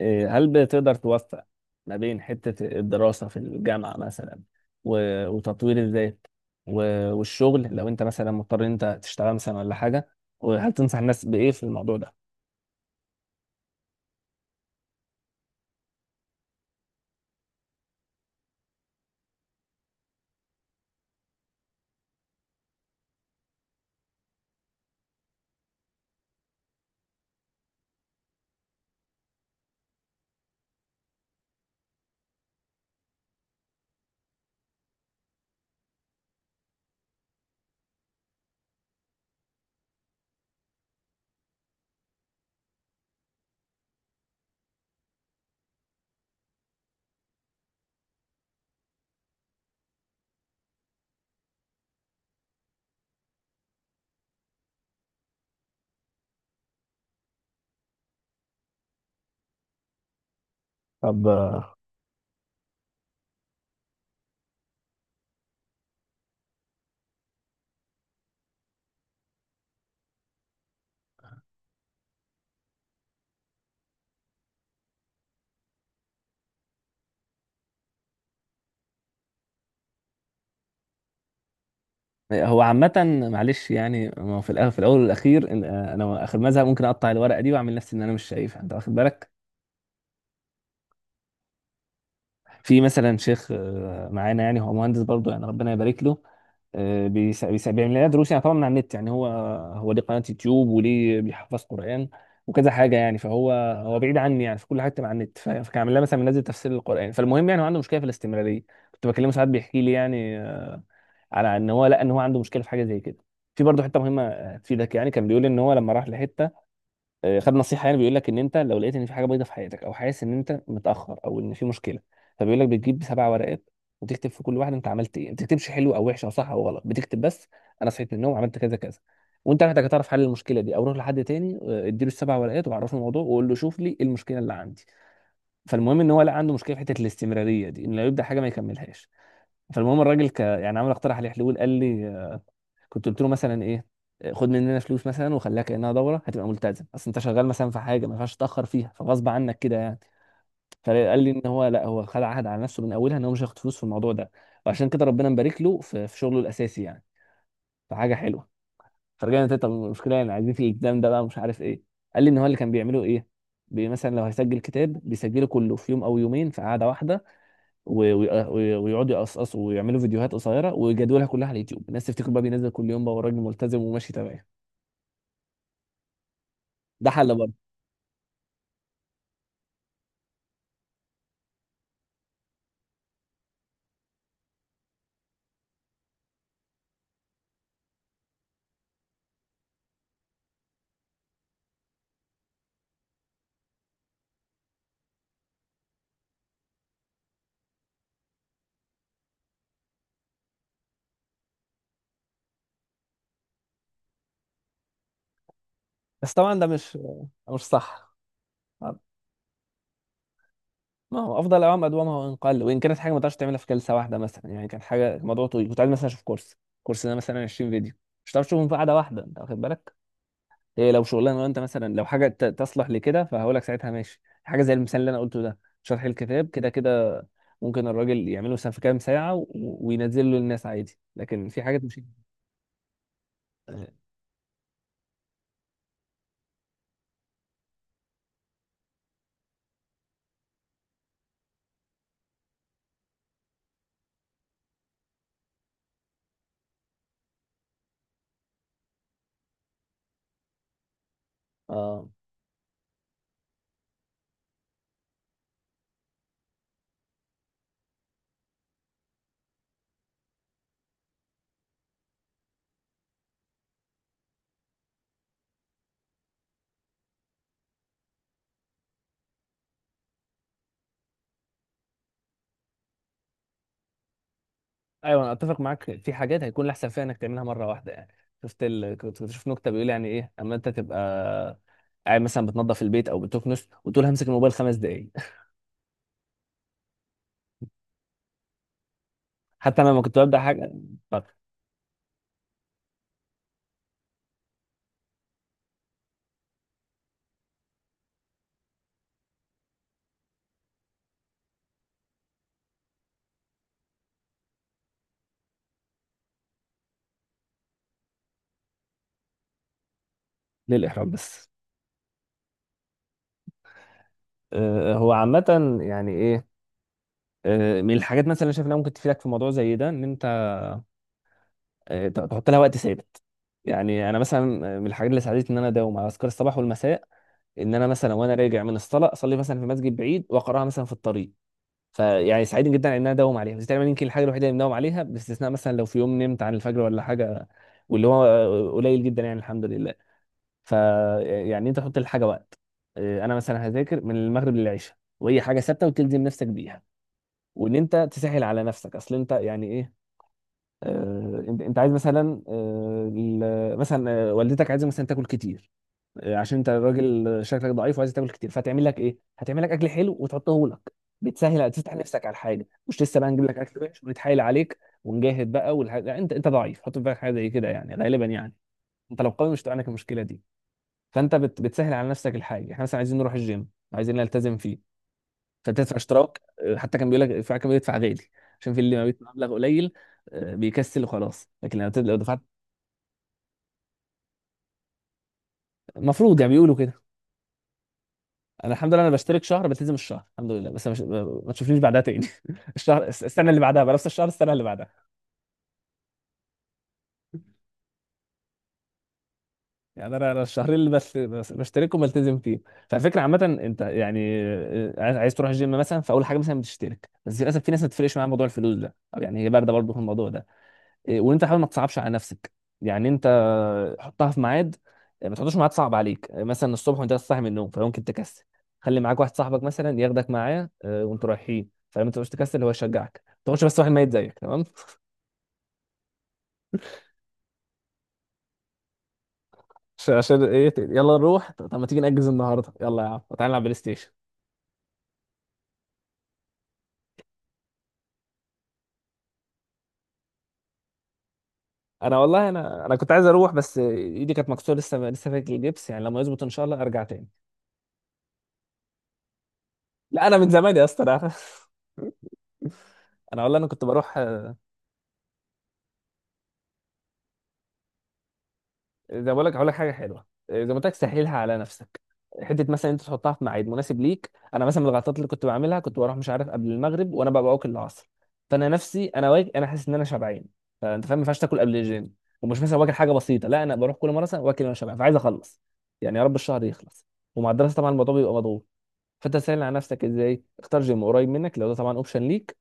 إيه، هل بتقدر توفق ما بين حتة الدراسة في الجامعة مثلا و- وتطوير الذات و- والشغل لو انت مثلا مضطر إن انت تشتغل مثلا ولا حاجة، وهل تنصح الناس بإيه في الموضوع ده؟ طب هو عامة، معلش يعني ما هو في الأول والأخير، أنا آخر مزهق ممكن أقطع الورقة دي وأعمل نفسي إن أنا مش شايفها. أنت واخد بالك؟ في مثلا شيخ معانا، يعني هو مهندس برضه، يعني ربنا يبارك له. بيعمل لنا دروس يعني، طبعا من على النت. يعني هو، هو ليه قناة يوتيوب وليه بيحفظ قرآن وكذا حاجة، يعني فهو، هو بعيد عني يعني في كل حتة مع النت، فكان عامل لها مثلا منزل تفسير القرآن. فالمهم يعني هو عنده مشكلة في الاستمرارية. كنت بكلمه ساعات بيحكي لي يعني، على ان هو، لا ان هو عنده مشكلة في حاجة زي كده. في برضه حتة مهمة تفيدك، يعني كان بيقول ان هو لما راح لحتة. خد نصيحه، يعني بيقول لك ان انت لو لقيت ان في حاجه بيضه في حياتك او حاسس ان انت متاخر او ان في مشكله، فبيقول لك بتجيب سبع ورقات وتكتب في كل واحده انت عملت ايه. ما بتكتبش حلو او وحش او صح او غلط، بتكتب بس انا صحيت من النوم عملت كذا كذا. وانت محتاج تعرف حل المشكله دي او روح لحد تاني، اديله السبع ورقات وعرفه الموضوع وقول له شوف لي إيه المشكله اللي عندي. فالمهم ان هو لقى عنده مشكله في حته الاستمراريه دي، ان لو يبدا حاجه ما يكملهاش. فالمهم الراجل يعني عمل، اقترح عليه حلول. قال لي كنت قلت له مثلا ايه، خد مننا فلوس مثلا وخليها كانها دوره هتبقى ملتزم، اصل انت شغال مثلا في حاجه ما ينفعش تتاخر فيها فغصب عنك كده يعني. فقال لي ان هو لا، هو خد عهد على نفسه من اولها ان هو مش هياخد فلوس في الموضوع ده. وعشان كده ربنا مبارك له في شغله الاساسي يعني، فحاجه حلوه. فرجعنا تاني، طب المشكله يعني عايزين في الالتزام ده بقى مش عارف ايه. قال لي ان هو اللي كان بيعمله ايه، مثلا لو هيسجل كتاب بيسجله كله في يوم او يومين في قعده واحده، و- و- و- ويقعدوا يقصقصوا ويعملوا فيديوهات قصيره ويجدولها كلها على اليوتيوب، الناس تفتكر بقى بينزل كل يوم بقى والراجل ملتزم وماشي تمام. ده حل برضه. بس طبعا ده مش، مش صح. ما هو افضل اوام ادومها وان قل، وان كانت حاجه ما تقدرش تعملها في جلسه واحده. مثلا يعني كان حاجه موضوع طويل، كنت عايز مثلا اشوف كورس، كورس ده مثلا 20 فيديو، مش هتعرف تشوفهم في قعده واحده، انت واخد بالك. هي لو شغلانه انت مثلا، لو حاجه تصلح لكده، فهقول لك ساعتها ماشي، حاجه زي المثال اللي انا قلته ده، شرح الكتاب كده كده ممكن الراجل يعمله مثلا في كام ساعه وينزله للناس عادي. لكن في حاجات مش، اه. ايوه، انا اتفق معاك في حاجات هيكون الاحسن فيها انك تعملها مره واحده يعني. كنت بشوف نكته بيقول يعني ايه اما انت تبقى قاعد مثلا بتنظف البيت او بتكنس وتقول همسك الموبايل خمس دقائق. حتى انا لما كنت ببدا حاجه. طب ليه الاحراج بس. هو عامه يعني ايه، من الحاجات مثلا اللي شايف انها ممكن تفيدك في موضوع زي ده ان انت تحط لها وقت ثابت. يعني انا مثلا، من الحاجات اللي ساعدتني ان انا اداوم على اذكار الصباح والمساء، ان انا مثلا وانا راجع من الصلاه اصلي مثلا في مسجد بعيد واقراها مثلا في الطريق، فيعني سعيد جدا ان انا اداوم عليها. بس تقريبا يمكن الحاجه الوحيده اللي بنداوم عليها، باستثناء مثلا لو في يوم نمت عن الفجر ولا حاجه، واللي هو قليل جدا يعني الحمد لله. ف يعني انت حط للحاجه وقت. اه، انا مثلا هذاكر من المغرب للعشاء، وهي حاجه ثابته وتلزم نفسك بيها. وان انت تسهل على نفسك، اصل انت يعني ايه، انت، عايز مثلا، مثلا والدتك عايزه مثلا تاكل كتير، عشان انت راجل شكلك ضعيف وعايز تاكل كتير، فهتعمل لك ايه، هتعمل لك اكل حلو وتحطه لك. بتسهل تفتح نفسك على الحاجه، مش لسه بقى نجيب لك اكل وحش ونتحايل عليك ونجاهد بقى والحاجة. لا، انت، انت ضعيف حط في بالك حاجه زي كده يعني غالبا يعني، انت لو قوي مش هتبقى عندك المشكله دي. فانت بتسهل على نفسك الحاجه. احنا مثلا عايزين نروح الجيم، عايزين نلتزم فيه، فبتدفع اشتراك. اه، حتى كان بيقول لك، في كان بيدفع غالي عشان في اللي ما بيدفع مبلغ قليل اه، بيكسل وخلاص. لكن لو لو دفعت المفروض يعني بيقولوا كده. انا الحمد لله انا بشترك شهر بلتزم الشهر الحمد لله، بس مش... ما تشوفنيش بعدها تاني. الشهر السنه اللي بعدها بقى نفس الشهر السنه اللي بعدها. يعني انا، انا الشهرين اللي بشتركهم بلتزم فيهم. فالفكره عامه، انت يعني عايز تروح الجيم مثلا، فاول حاجه مثلا بتشترك، بس للاسف في ناس ما بتفرقش معاها موضوع الفلوس ده، أو يعني هي بارده برضه في الموضوع ده. إيه، وان انت حاول ما تصعبش على نفسك. يعني انت حطها في ميعاد. إيه، ما تحطوش ميعاد صعب عليك. إيه، مثلا الصبح وانت لسه صاحي من النوم فممكن تكسل. خلي معاك واحد صاحبك مثلا ياخدك معاه وانتوا رايحين، فلما تبقاش تكسل هو يشجعك. ما تقعدش بس واحد ميت زيك تمام. عشان ايه، يلا نروح، طب ما تيجي نأجز النهارده، يلا يا عم تعالى نلعب بلاي ستيشن. انا والله انا، كنت عايز اروح بس ايدي كانت مكسوره، لسه لسه فيها الجبس، يعني لما يظبط ان شاء الله ارجع تاني. لا انا من زمان يا اسطى انا. انا والله انا كنت بروح زي ما بقول لك. هقول لك حاجه حلوه، زي ما قلت لك سهلها على نفسك. حته مثلا انت تحطها في ميعاد مناسب ليك. انا مثلا من الغلطات اللي كنت بعملها كنت بروح، مش عارف، قبل المغرب وانا ببقى واكل العصر، فانا نفسي، انا واجي انا حاسس ان انا شبعان. فانت فاهم، ما ينفعش تاكل قبل الجيم. ومش مثلا واكل حاجه بسيطه، لا انا بروح كل مره مثلا واكل وانا شبعان، فعايز اخلص. يعني يا رب الشهر يخلص. ومع الدراسه طبعا الموضوع بيبقى مضغوط. فانت سهل على نفسك ازاي، اختار جيم قريب منك لو ده طبعا اوبشن ليك.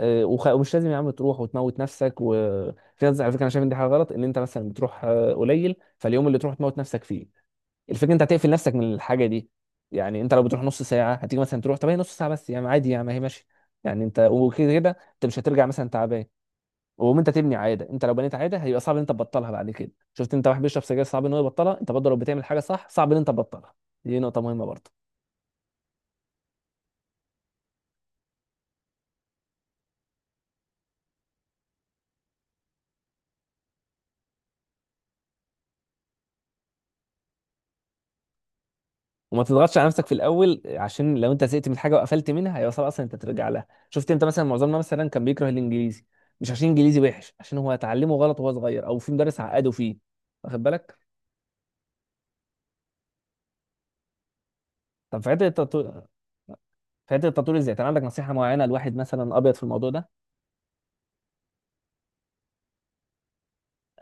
ومش لازم يا عم تروح وتموت نفسك. وفي ناس، على فكره، انا شايف ان دي حاجه غلط، ان انت مثلا بتروح قليل فاليوم اللي تروح تموت نفسك فيه. الفكره انت هتقفل نفسك من الحاجه دي. يعني انت لو بتروح نص ساعه، هتيجي مثلا تروح، طب هي نص ساعه بس يعني عادي يعني ما هي ماشي. يعني انت وكده كده انت مش هترجع مثلا تعبان. ومهم انت تبني عاده، انت لو بنيت عاده هيبقى صعب ان انت تبطلها بعد كده. شفت انت واحد بيشرب سجاير صعب ان هو يبطلها، انت برضه لو بتعمل حاجه صح صعب ان انت تبطلها. دي نقطه مهمه برضه. وما تضغطش على نفسك في الاول، عشان لو انت زهقت من حاجه وقفلت منها هيبقى صعب اصلا انت ترجع لها. شفت انت مثلا معظمنا مثلا كان بيكره الانجليزي، مش عشان انجليزي وحش، عشان هو اتعلمه غلط وهو صغير او في مدرس عقده فيه. واخد بالك؟ طب في حته التطوير، في حته التطوير ازاي، كان عندك نصيحه معينه لواحد مثلا ابيض في الموضوع ده؟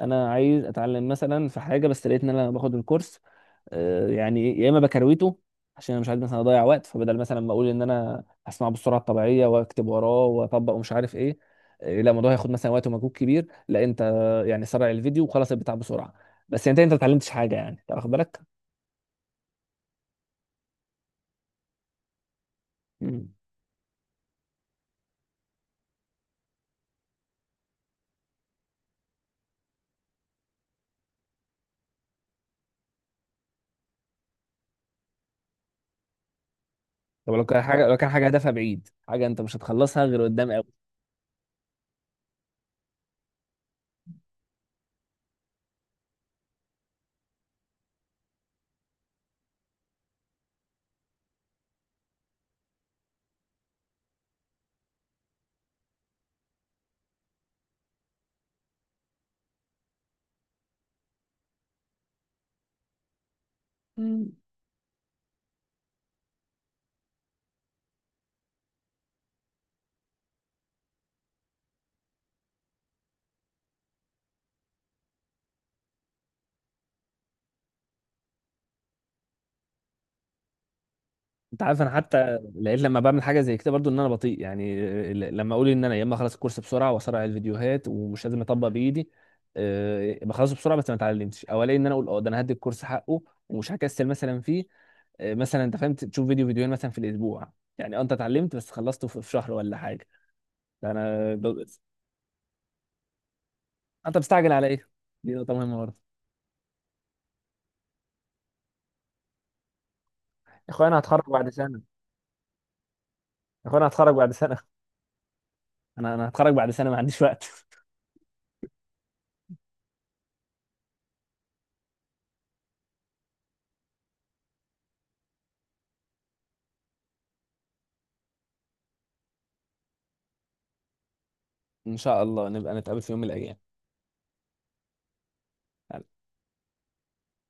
انا عايز اتعلم مثلا في حاجه، بس لقيت ان انا باخد الكورس، يعني يا اما بكرويته عشان انا مش عايز مثلا اضيع وقت، فبدل مثلا ما اقول ان انا هسمعه بالسرعه الطبيعيه واكتب وراه واطبق ومش عارف ايه، لا الموضوع هياخد مثلا وقت ومجهود كبير، لا انت يعني سرع الفيديو وخلص البتاع بسرعه، بس انت، انت ما اتعلمتش حاجه، يعني انت واخد بالك. مم. طب لو كان حاجه، لو كان حاجه هدفها بعيد، حاجه انت مش هتخلصها غير قدام. قوي. انت عارف، انا حتى لقيت لما بعمل حاجه زي كده برضو ان انا بطيء يعني. لما اقول ان انا يا اما اخلص الكورس بسرعه واسرع الفيديوهات ومش لازم اطبق بايدي، بخلصه بسرعه بس ما اتعلمتش، او الاقي ان انا اقول اه ده انا هدي الكورس حقه ومش هكسل مثلا فيه. مثلا انت فهمت تشوف فيديو فيديوهين مثلا في الاسبوع. يعني اه، انت اتعلمت، بس خلصته في شهر ولا حاجه. ده انا ب... انت بتستعجل على ايه؟ دي نقطه مهمه برضه. يا اخويا انا هتخرج بعد سنه، اخويا انا هتخرج بعد سنه انا هتخرج بعد سنه، ما عنديش وقت. ان شاء الله نبقى نتقابل في يوم من الايام.